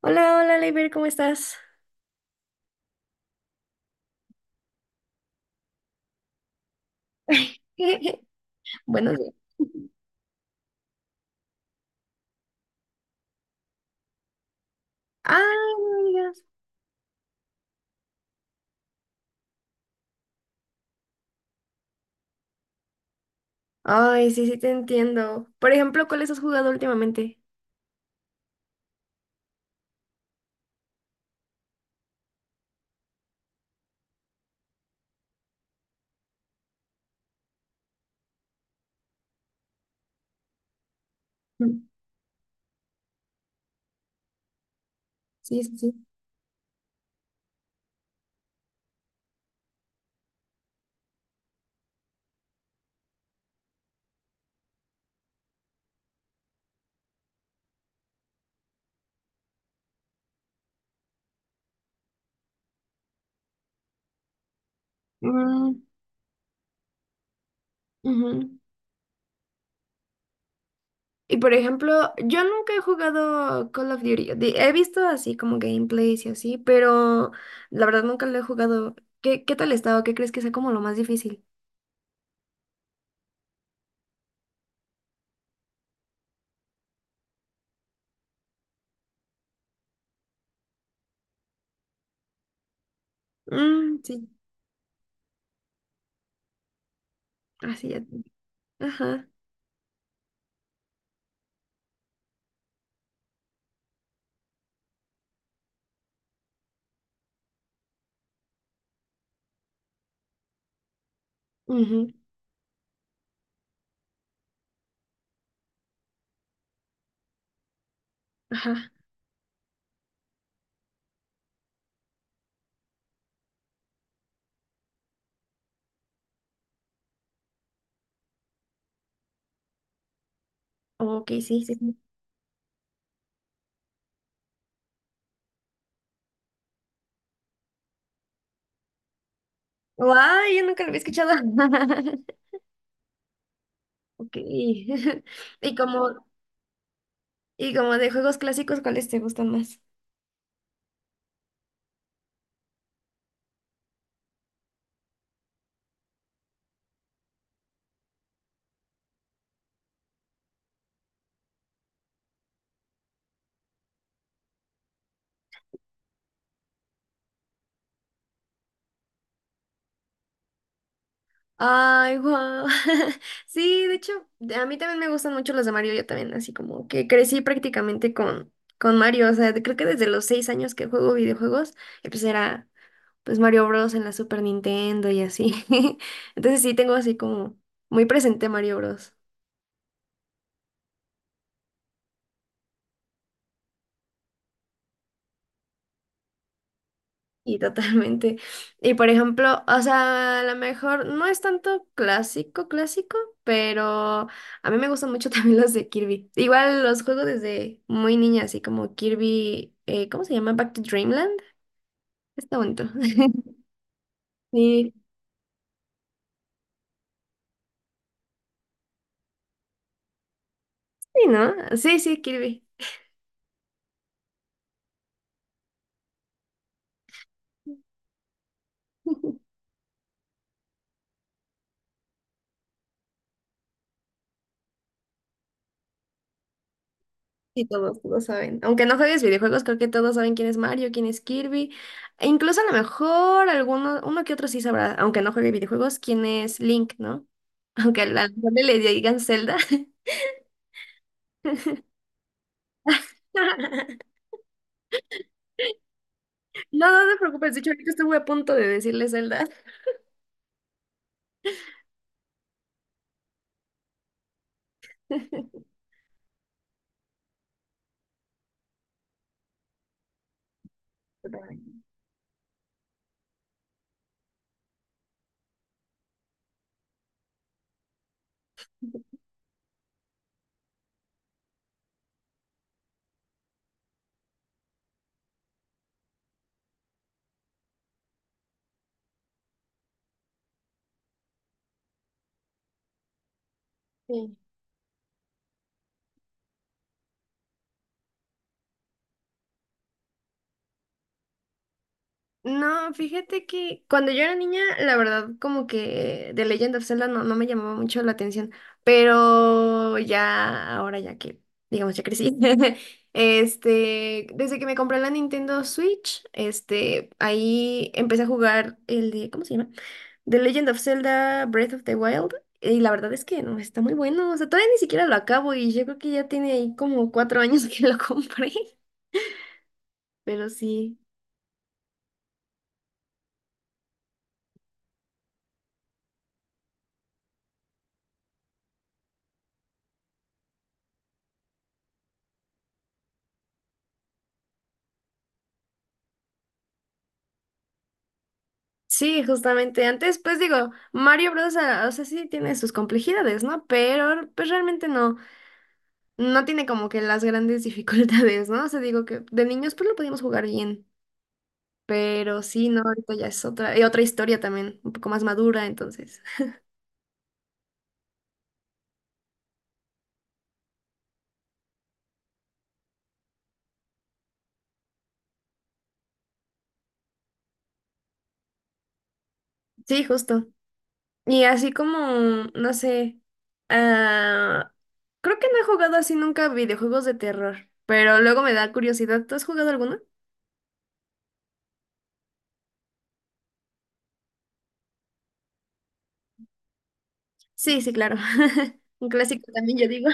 Hola, hola, Leiber, ¿cómo estás? Buenos días. Ah, no me digas. Ay, sí, sí, te entiendo. Por ejemplo, ¿cuáles has jugado últimamente? Mm, sí, sí, sí. Mm, ujú. Y por ejemplo, yo nunca he jugado Call of Duty. He visto así como gameplays y así, pero la verdad nunca lo he jugado. ¿Qué, qué tal está o qué crees que sea como lo más difícil? Mm, sí, así ya. Ajá. Ujú. Ajá. Ok, sí, sí. Guay, yo nunca lo había escuchado. Ok. Y como, ¿y como de juegos clásicos, cuáles te gustan más? Ay, wow. Sí, de hecho, a mí también me gustan mucho los de Mario, yo también, así como que crecí prácticamente con Mario, o sea, creo que desde los 6 años que juego videojuegos, y pues era pues Mario Bros. En la Super Nintendo y así. Entonces sí tengo así como muy presente Mario Bros. Y totalmente. Y por ejemplo, o sea, a lo mejor no es tanto clásico, clásico, pero a mí me gustan mucho también los de Kirby. Igual los juego desde muy niña, así como Kirby, ¿cómo se llama? Back to Dreamland. Está bonito. Sí, sí, ¿no? Sí, sí, Kirby. Sí, todos, todos saben. Aunque no juegues videojuegos, creo que todos saben quién es Mario, quién es Kirby. E incluso a lo mejor alguno, uno que otro sí sabrá, aunque no juegue videojuegos, quién es Link, ¿no? Aunque a la gente le digan Zelda. No, no te preocupes, de hecho, ahorita estuve a punto de decirle Zelda. Sí. No, fíjate que cuando yo era niña, la verdad, como que The Legend of Zelda no, no me llamaba mucho la atención, pero ya, ahora ya que, digamos, ya crecí, desde que me compré la Nintendo Switch, ahí empecé a jugar el de, ¿cómo se llama? The Legend of Zelda Breath of the Wild, y la verdad es que no, está muy bueno, o sea, todavía ni siquiera lo acabo y yo creo que ya tiene ahí como 4 años que lo compré, pero sí. Sí, justamente. Antes, pues digo, Mario Bros. O sea, sí tiene sus complejidades, ¿no? Pero, pues realmente no, no tiene como que las grandes dificultades, ¿no? O sea, digo que de niños, pues lo podíamos jugar bien. Pero sí, no, ahorita ya es otra, y otra historia también, un poco más madura, entonces. Sí, justo. Y así como, no sé, ah, creo que no he jugado así nunca videojuegos de terror, pero luego me da curiosidad. ¿Tú has jugado alguno? Sí, sí, claro. Un clásico también, yo digo.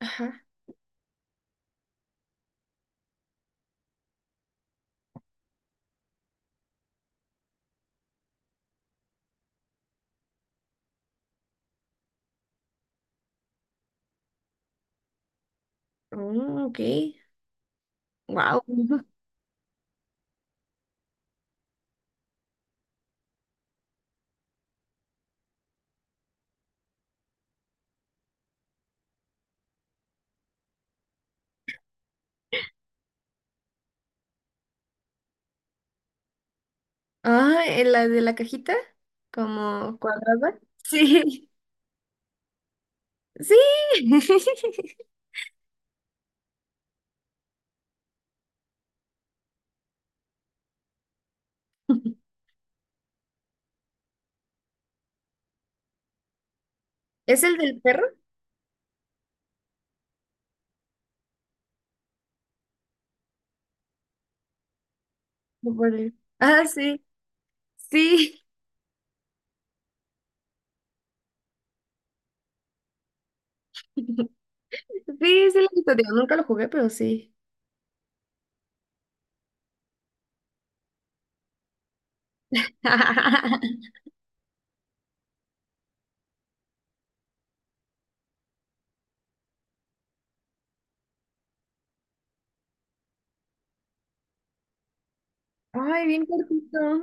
Ajá. Oh, ok. Wow. Ah, ¿en la de la cajita, como cuadrada? Sí, sí. ¿Es el del perro? No puede. Ah, sí, sí. Sí, sí lo he visto. Digo, nunca lo jugué, pero sí. Ay, bien cortito.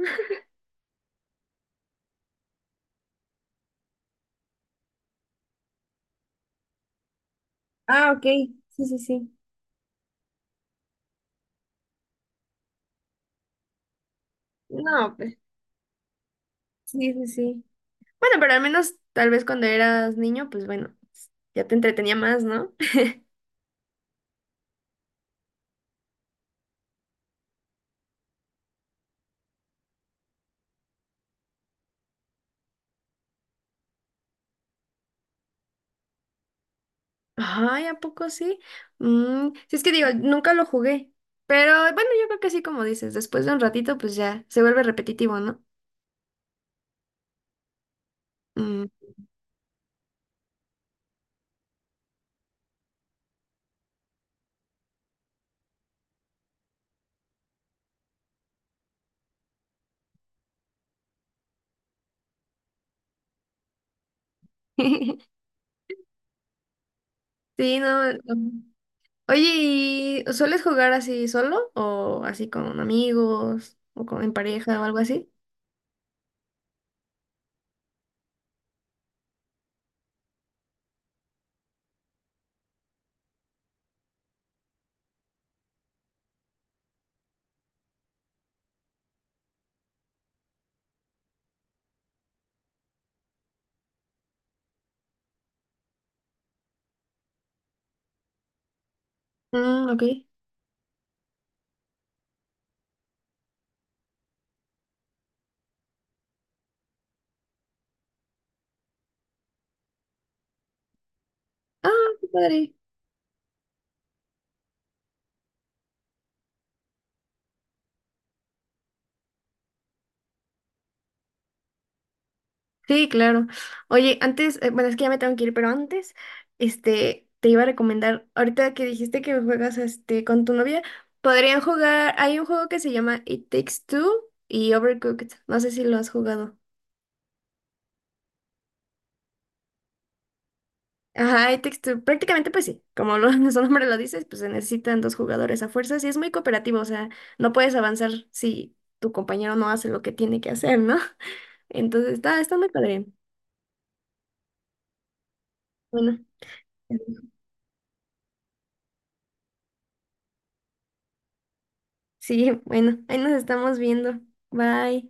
Ah, ok. Sí, sí, sí. No, pues, sí, sí, sí. Bueno, pero al menos tal vez cuando eras niño, pues bueno, ya te entretenía más, ¿no? Ay, ¿a poco sí? Mm, sí, es que digo, nunca lo jugué. Pero bueno, yo creo que sí, como dices, después de un ratito, pues ya se vuelve repetitivo, ¿no? Mm. Sí, no, no. Oye, ¿y sueles jugar así solo o así con amigos o con, en pareja o algo así? Mm, ok. Ah, qué padre. Sí, claro. Oye, antes, bueno, es que ya me tengo que ir, pero antes, te iba a recomendar, ahorita que dijiste que juegas, con tu novia, podrían jugar, hay un juego que se llama It Takes Two y Overcooked, no sé si lo has jugado. Ajá, It Takes Two, prácticamente pues sí, como lo, su nombre lo dices, pues se necesitan dos jugadores a fuerzas y es muy cooperativo, o sea, no puedes avanzar si tu compañero no hace lo que tiene que hacer, ¿no? Entonces, está, está muy padre. Bueno, sí, bueno, ahí nos estamos viendo. Bye.